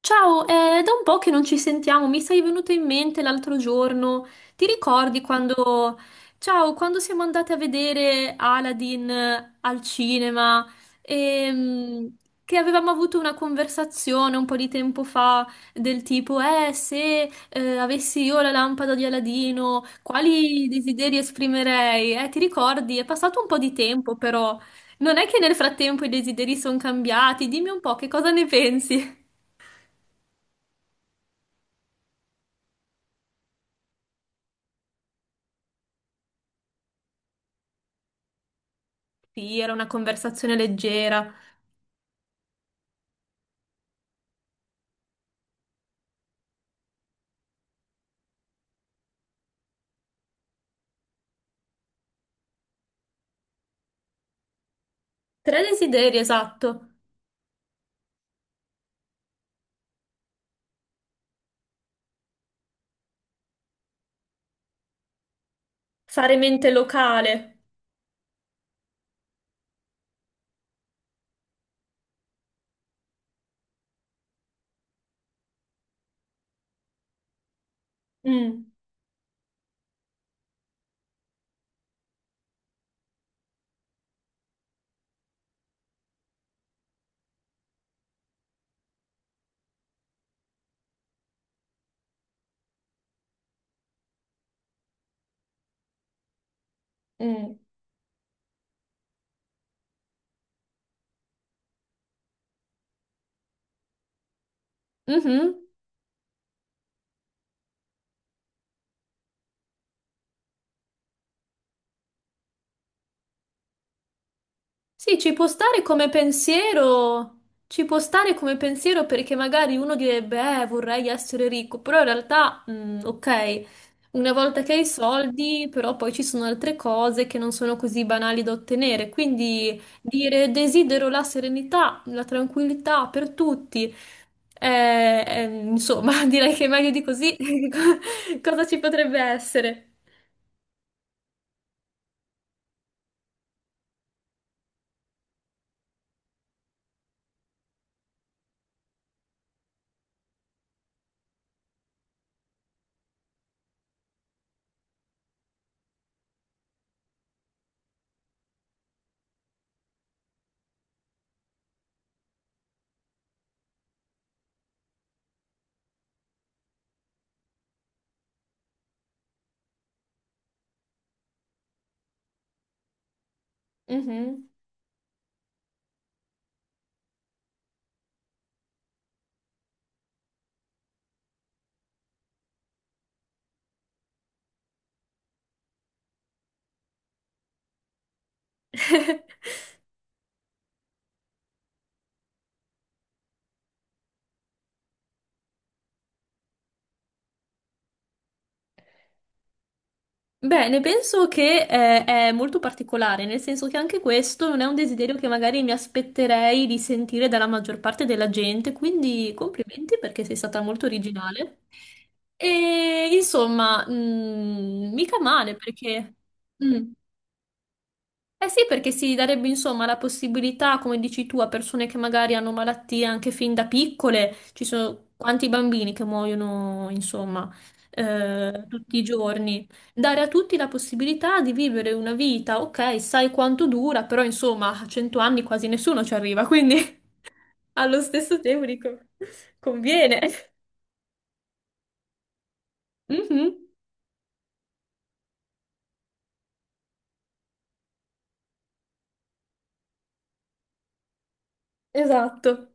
Ciao, è da un po' che non ci sentiamo, mi sei venuto in mente l'altro giorno. Ti ricordi quando, ciao, quando siamo andate a vedere Aladdin al cinema e che avevamo avuto una conversazione un po' di tempo fa del tipo, se avessi io la lampada di Aladino, quali desideri esprimerei? Ti ricordi? È passato un po' di tempo, però non è che nel frattempo i desideri sono cambiati. Dimmi un po' che cosa ne pensi? Sì, era una conversazione leggera. Tre desideri, esatto. Fare mente locale. Mm, mm, mhm. Sì, ci può stare come pensiero. Ci può stare come pensiero perché magari uno direbbe, vorrei essere ricco, però in realtà, ok. Una volta che hai i soldi, però poi ci sono altre cose che non sono così banali da ottenere, quindi dire desidero la serenità, la tranquillità per tutti, insomma, direi che meglio di così cosa ci potrebbe essere? Mhm. Beh, ne penso che è molto particolare, nel senso che anche questo non è un desiderio che magari mi aspetterei di sentire dalla maggior parte della gente, quindi complimenti perché sei stata molto originale. E insomma, mica male perché... mm. Eh sì, perché si darebbe insomma la possibilità, come dici tu, a persone che magari hanno malattie anche fin da piccole, ci sono quanti bambini che muoiono, insomma, tutti i giorni, dare a tutti la possibilità di vivere una vita, ok, sai quanto dura, però insomma, a 100 anni quasi nessuno ci arriva, quindi allo stesso tempo dico, conviene. Mhm, esatto,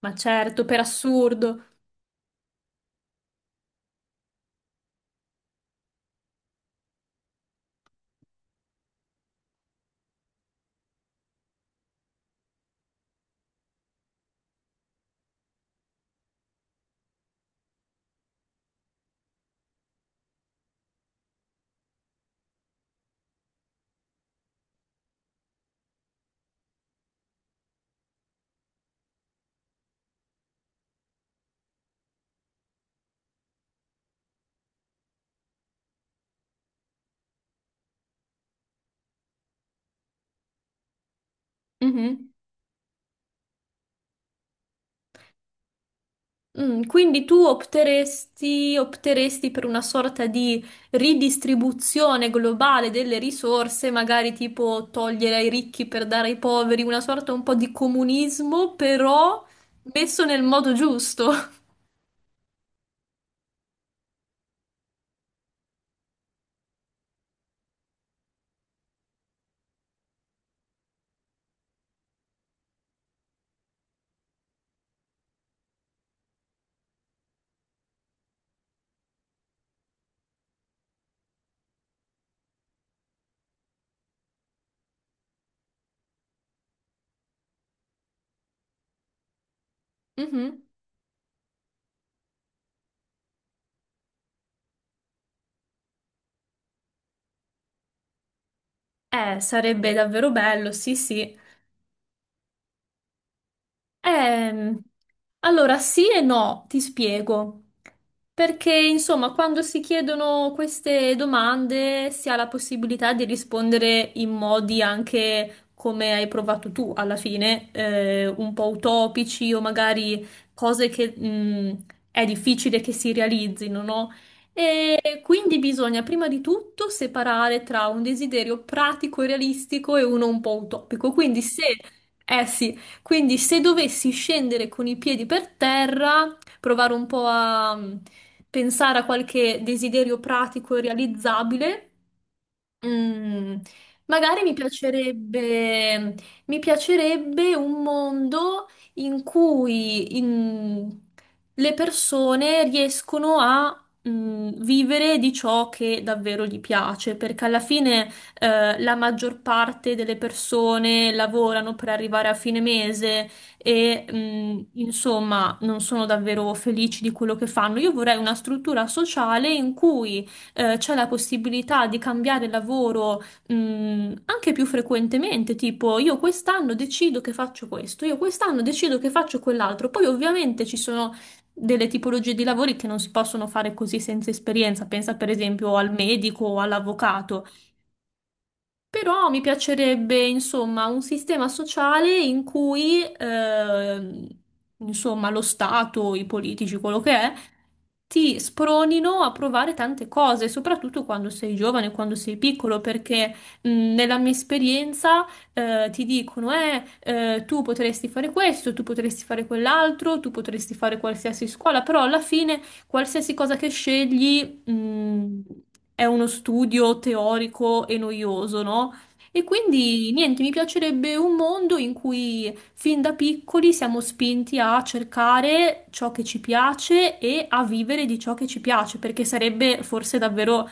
ma certo, per assurdo. Mhm. Quindi tu opteresti per una sorta di ridistribuzione globale delle risorse, magari tipo togliere ai ricchi per dare ai poveri, una sorta un po' di comunismo, però messo nel modo giusto. Mhm. Sarebbe davvero bello, sì, sì. Ehm, allora, sì e no, ti spiego. Perché, insomma, quando si chiedono queste domande si ha la possibilità di rispondere in modi anche come hai provato tu alla fine, un po' utopici o magari cose che, è difficile che si realizzino, no? E quindi bisogna prima di tutto separare tra un desiderio pratico e realistico e uno un po' utopico. Quindi se eh sì, quindi se dovessi scendere con i piedi per terra, provare un po' a pensare a qualche desiderio pratico e realizzabile, Mm, magari mi piacerebbe un mondo in cui le persone riescono a vivere di ciò che davvero gli piace, perché alla fine la maggior parte delle persone lavorano per arrivare a fine mese e insomma non sono davvero felici di quello che fanno. Io vorrei una struttura sociale in cui c'è la possibilità di cambiare lavoro, anche più frequentemente, tipo io quest'anno decido che faccio questo, io quest'anno decido che faccio quell'altro. Poi ovviamente ci sono delle tipologie di lavori che non si possono fare così senza esperienza, pensa per esempio al medico o all'avvocato. Però mi piacerebbe, insomma, un sistema sociale in cui, insomma, lo Stato, i politici, quello che è, ti spronino a provare tante cose, soprattutto quando sei giovane, quando sei piccolo, perché, nella mia esperienza, ti dicono, tu potresti fare questo, tu potresti fare quell'altro, tu potresti fare qualsiasi scuola, però alla fine qualsiasi cosa che scegli mm, è uno studio teorico e noioso, no? E quindi niente, mi piacerebbe un mondo in cui fin da piccoli siamo spinti a cercare ciò che ci piace e a vivere di ciò che ci piace, perché sarebbe forse davvero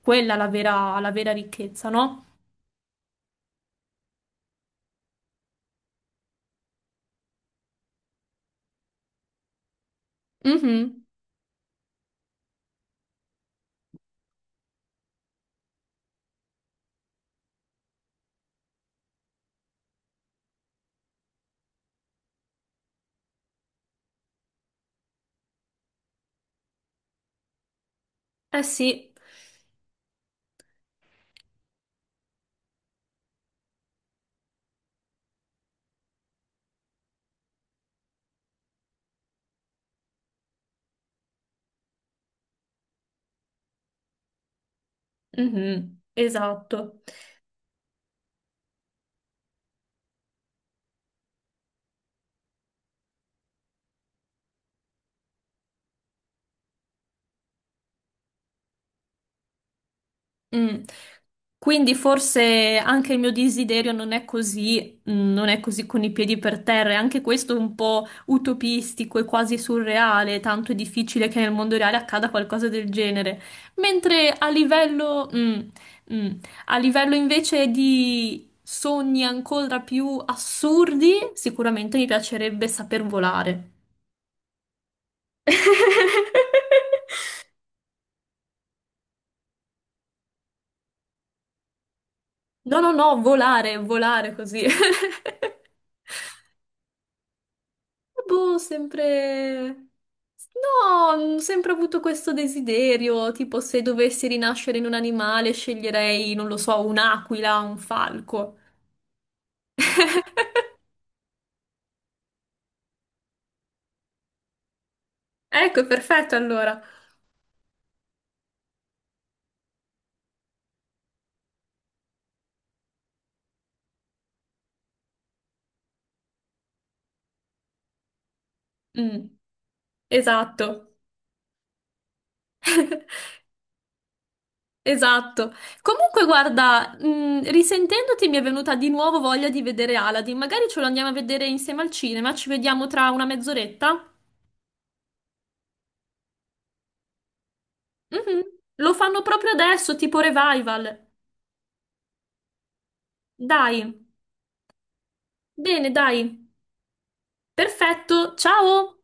quella la vera ricchezza, no? Mhm. Eh sì. Mhm. Esatto. Mm. Quindi forse anche il mio desiderio non è così con i piedi per terra, e anche questo è un po' utopistico e quasi surreale, tanto è difficile che nel mondo reale accada qualcosa del genere. Mentre mm, a livello invece di sogni ancora più assurdi, sicuramente mi piacerebbe saper volare. No, no, no, volare, volare così. Boh, sempre. No, ho sempre avuto questo desiderio, tipo se dovessi rinascere in un animale sceglierei, non lo so, un'aquila, un falco. Ecco, perfetto allora. Mm, esatto, esatto. Comunque, guarda, risentendoti mi è venuta di nuovo voglia di vedere Aladdin. Magari ce lo andiamo a vedere insieme al cinema, ci vediamo tra una mezz'oretta. Mhm. Lo fanno proprio adesso, tipo revival. Dai, bene, dai. Perfetto, ciao!